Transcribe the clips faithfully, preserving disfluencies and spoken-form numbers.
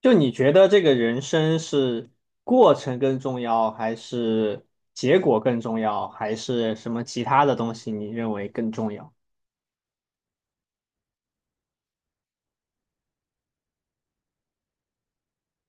就你觉得这个人生是过程更重要，还是结果更重要，还是什么其他的东西你认为更重要？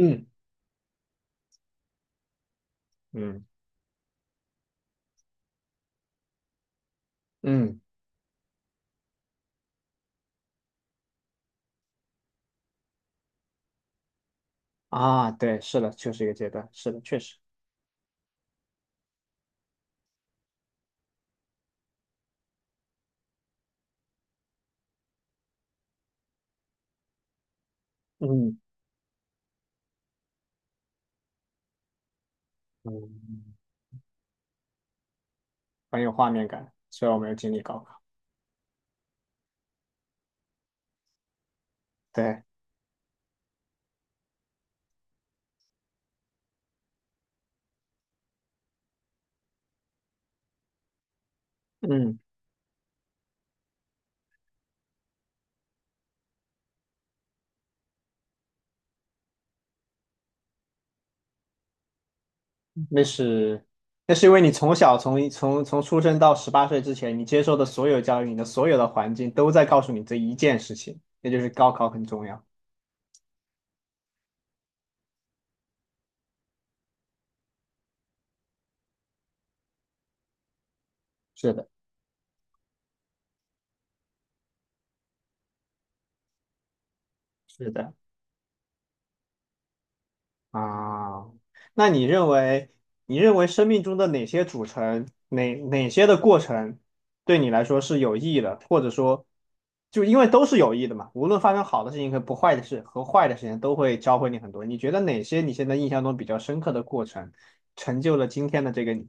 嗯。嗯嗯啊，对，是的，就是一个阶段，是的，确实。嗯。嗯，很有画面感。虽然我没有经历高考。对。嗯。那是那是因为你从小从从从出生到十八岁之前，你接受的所有教育，你的所有的环境都在告诉你这一件事情，那就是高考很重要。是的，是的。啊，那你认为，你认为生命中的哪些组成，哪哪些的过程，对你来说是有意义的，或者说，就因为都是有益的嘛，无论发生好的事情和不坏的事和坏的事情，都会教会你很多。你觉得哪些你现在印象中比较深刻的过程，成就了今天的这个你？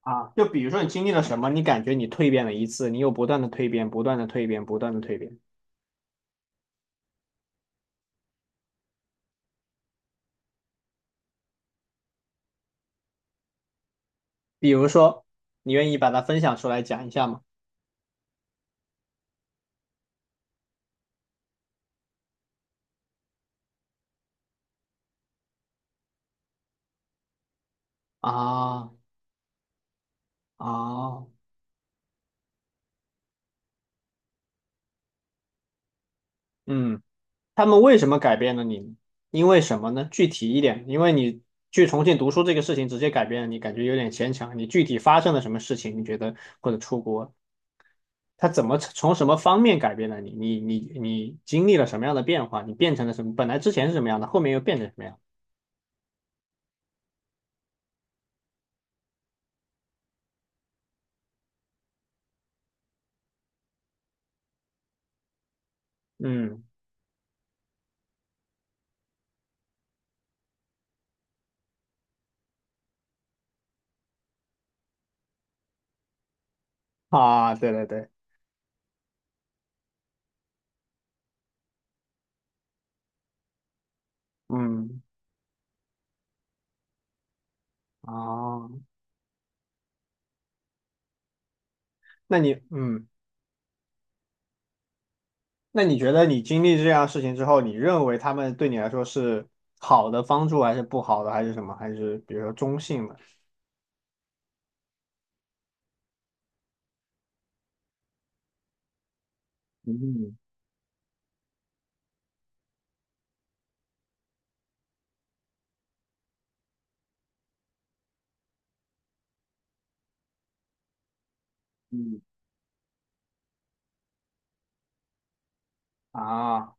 啊，就比如说你经历了什么，你感觉你蜕变了一次，你又不断的蜕变，不断的蜕变，不断的蜕变。比如说，你愿意把它分享出来讲一下吗？啊啊，嗯。他们为什么改变了你呢？因为什么呢？具体一点，因为你去重庆读书这个事情直接改变了你，感觉有点牵强。你具体发生了什么事情？你觉得或者出国，他怎么从什么方面改变了你？你你你经历了什么样的变化？你变成了什么？本来之前是什么样的，后面又变成什么样？嗯。啊，对对对。嗯。啊，那你嗯。那你觉得你经历这样的事情之后，你认为他们对你来说是好的帮助，还是不好的，还是什么？还是比如说中性的？嗯。嗯，啊。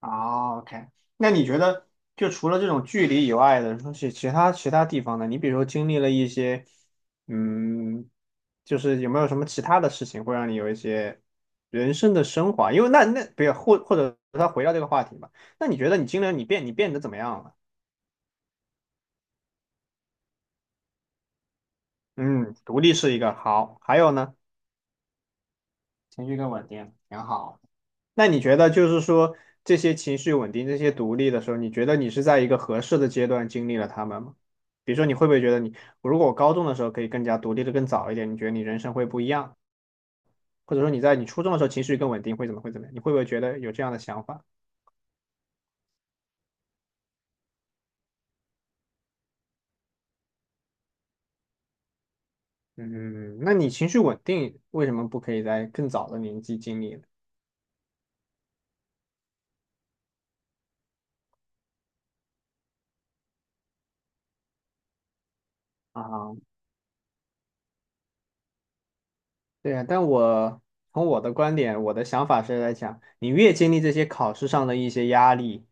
啊，OK。那你觉得，就除了这种距离以外的东西，其他其他地方呢？你比如说经历了一些，嗯，就是有没有什么其他的事情会让你有一些人生的升华？因为那那，比如或或者他回到这个话题吧，那你觉得你经历了你变你变得怎么样了？嗯，独立是一个好，还有呢？情绪更稳定，挺好。那你觉得就是说这些情绪稳定、这些独立的时候，你觉得你是在一个合适的阶段经历了他们吗？比如说，你会不会觉得你，如果我高中的时候可以更加独立的更早一点，你觉得你人生会不一样？或者说你在你初中的时候情绪更稳定，会怎么会怎么样？你会不会觉得有这样的想法？嗯，那你情绪稳定为什么不可以在更早的年纪经历呢？啊，对呀，但我从我的观点，我的想法是来讲，你越经历这些考试上的一些压力，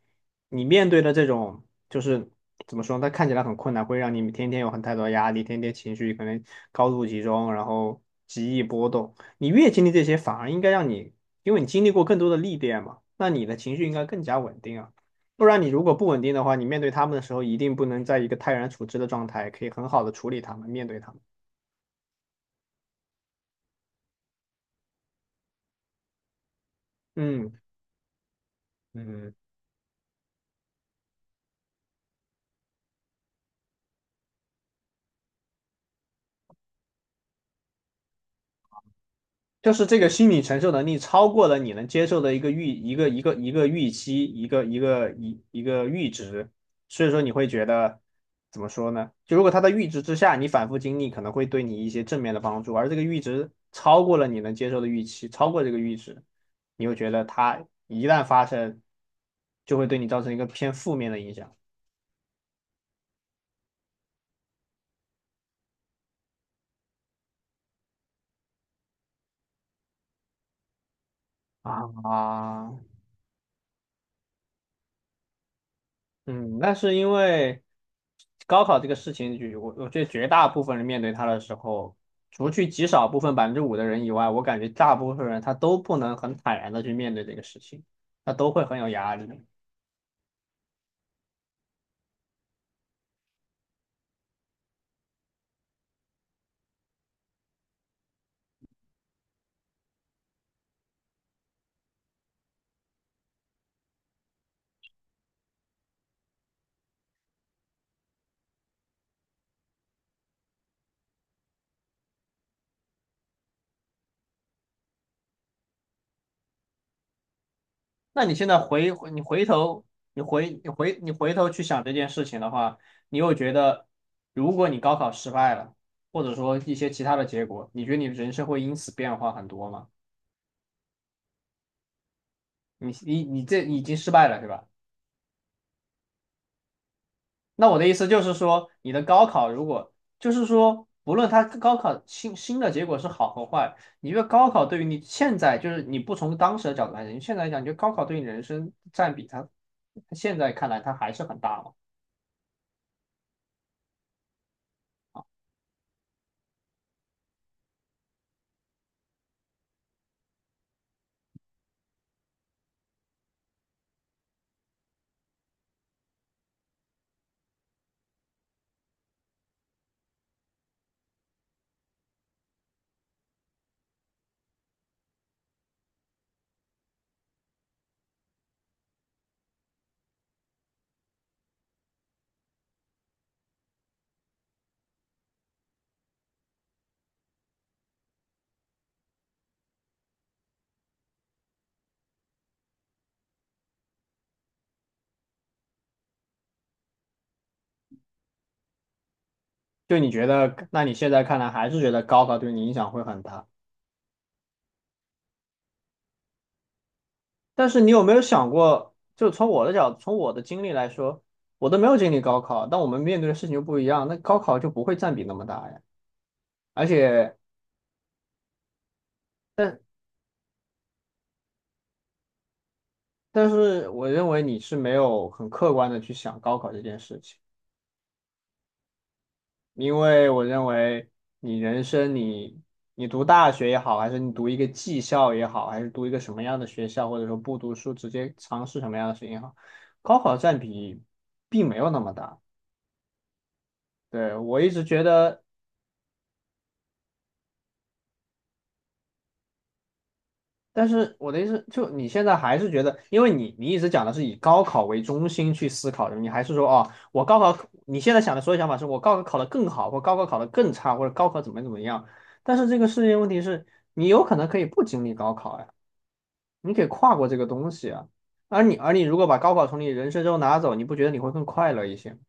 你面对的这种就是怎么说呢，它看起来很困难，会让你天天有很太多的压力，天天情绪可能高度集中，然后极易波动。你越经历这些，反而应该让你，因为你经历过更多的历练嘛，那你的情绪应该更加稳定啊。不然你如果不稳定的话，你面对他们的时候，一定不能在一个泰然处之的状态，可以很好的处理他们，面对他们。嗯。嗯。就是这个心理承受能力超过了你能接受的一个预一个一个一个预期，一个一个一一个阈值，所以说你会觉得怎么说呢？就如果它的阈值之下，你反复经历可能会对你一些正面的帮助，而这个阈值超过了你能接受的预期，超过这个阈值，你会觉得它一旦发生，就会对你造成一个偏负面的影响啊。嗯，那是因为高考这个事情，就我我觉得绝大部分人面对它的时候，除去极少部分百分之五的人以外，我感觉大部分人他都不能很坦然的去面对这个事情，他都会很有压力。那你现在回回你回头，你回你回你回头去想这件事情的话，你又觉得，如果你高考失败了，或者说一些其他的结果，你觉得你的人生会因此变化很多吗？你你你这已经失败了，是吧？那我的意思就是说，你的高考如果就是说，不论它高考新新的结果是好和坏，你觉得高考对于你现在就是你不从当时的角度来讲，你现在来讲，你觉得高考对你人生占比它，它现在看来它还是很大嘛？就你觉得，那你现在看来还是觉得高考对你影响会很大，但是你有没有想过，就从我的角，从我的经历来说，我都没有经历高考，但我们面对的事情就不一样，那高考就不会占比那么大呀，而且。但。但是我认为你是没有很客观的去想高考这件事情，因为我认为你人生你你读大学也好，还是你读一个技校也好，还是读一个什么样的学校，或者说不读书直接尝试什么样的事情也好，高考占比并没有那么大。对，我一直觉得，但是我的意思，就你现在还是觉得，因为你你一直讲的是以高考为中心去思考的，你还是说哦，我高考，你现在想的所有想法是我高考考得更好，或高考考得更差，或者高考怎么怎么样。但是这个世界问题是，你有可能可以不经历高考呀，你可以跨过这个东西啊。而你而你如果把高考从你人生中拿走，你不觉得你会更快乐一些吗？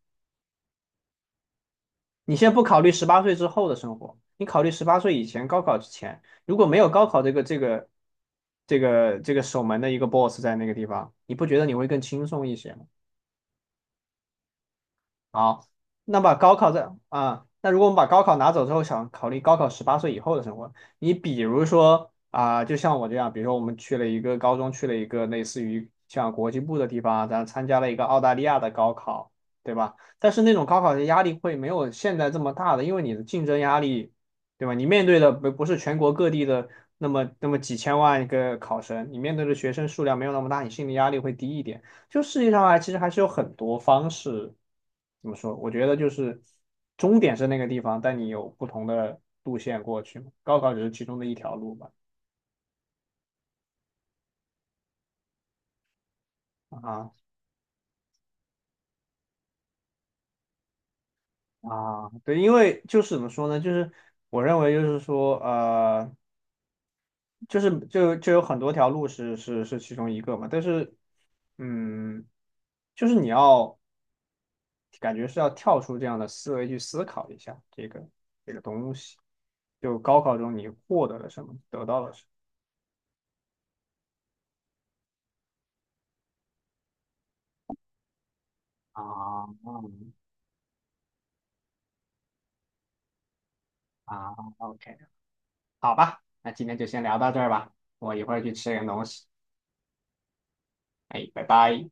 你先不考虑十八岁之后的生活，你考虑十八岁以前高考之前，如果没有高考这个这个这个这个守门的一个 boss 在那个地方，你不觉得你会更轻松一些吗？好，那把高考在啊，那如果我们把高考拿走之后，想考虑高考十八岁以后的生活，你比如说啊，就像我这样，比如说我们去了一个高中，去了一个类似于像国际部的地方啊，咱参加了一个澳大利亚的高考，对吧？但是那种高考的压力会没有现在这么大的，因为你的竞争压力，对吧？你面对的不不是全国各地的那么那么几千万个考生，你面对的学生数量没有那么大，你心理压力会低一点。就世界上啊，其实还是有很多方式。怎么说？我觉得就是终点是那个地方，但你有不同的路线过去嘛。高考只是其中的一条路吧。啊啊，对，因为就是怎么说呢？就是我认为就是说，呃，就是就就有很多条路是是是其中一个嘛。但是，嗯，就是你要感觉是要跳出这样的思维去思考一下这个这个东西。就高考中你获得了什么，得到了什么。啊嗯啊，OK,好吧，那今天就先聊到这儿吧，我一会儿去吃点东西。哎，拜拜。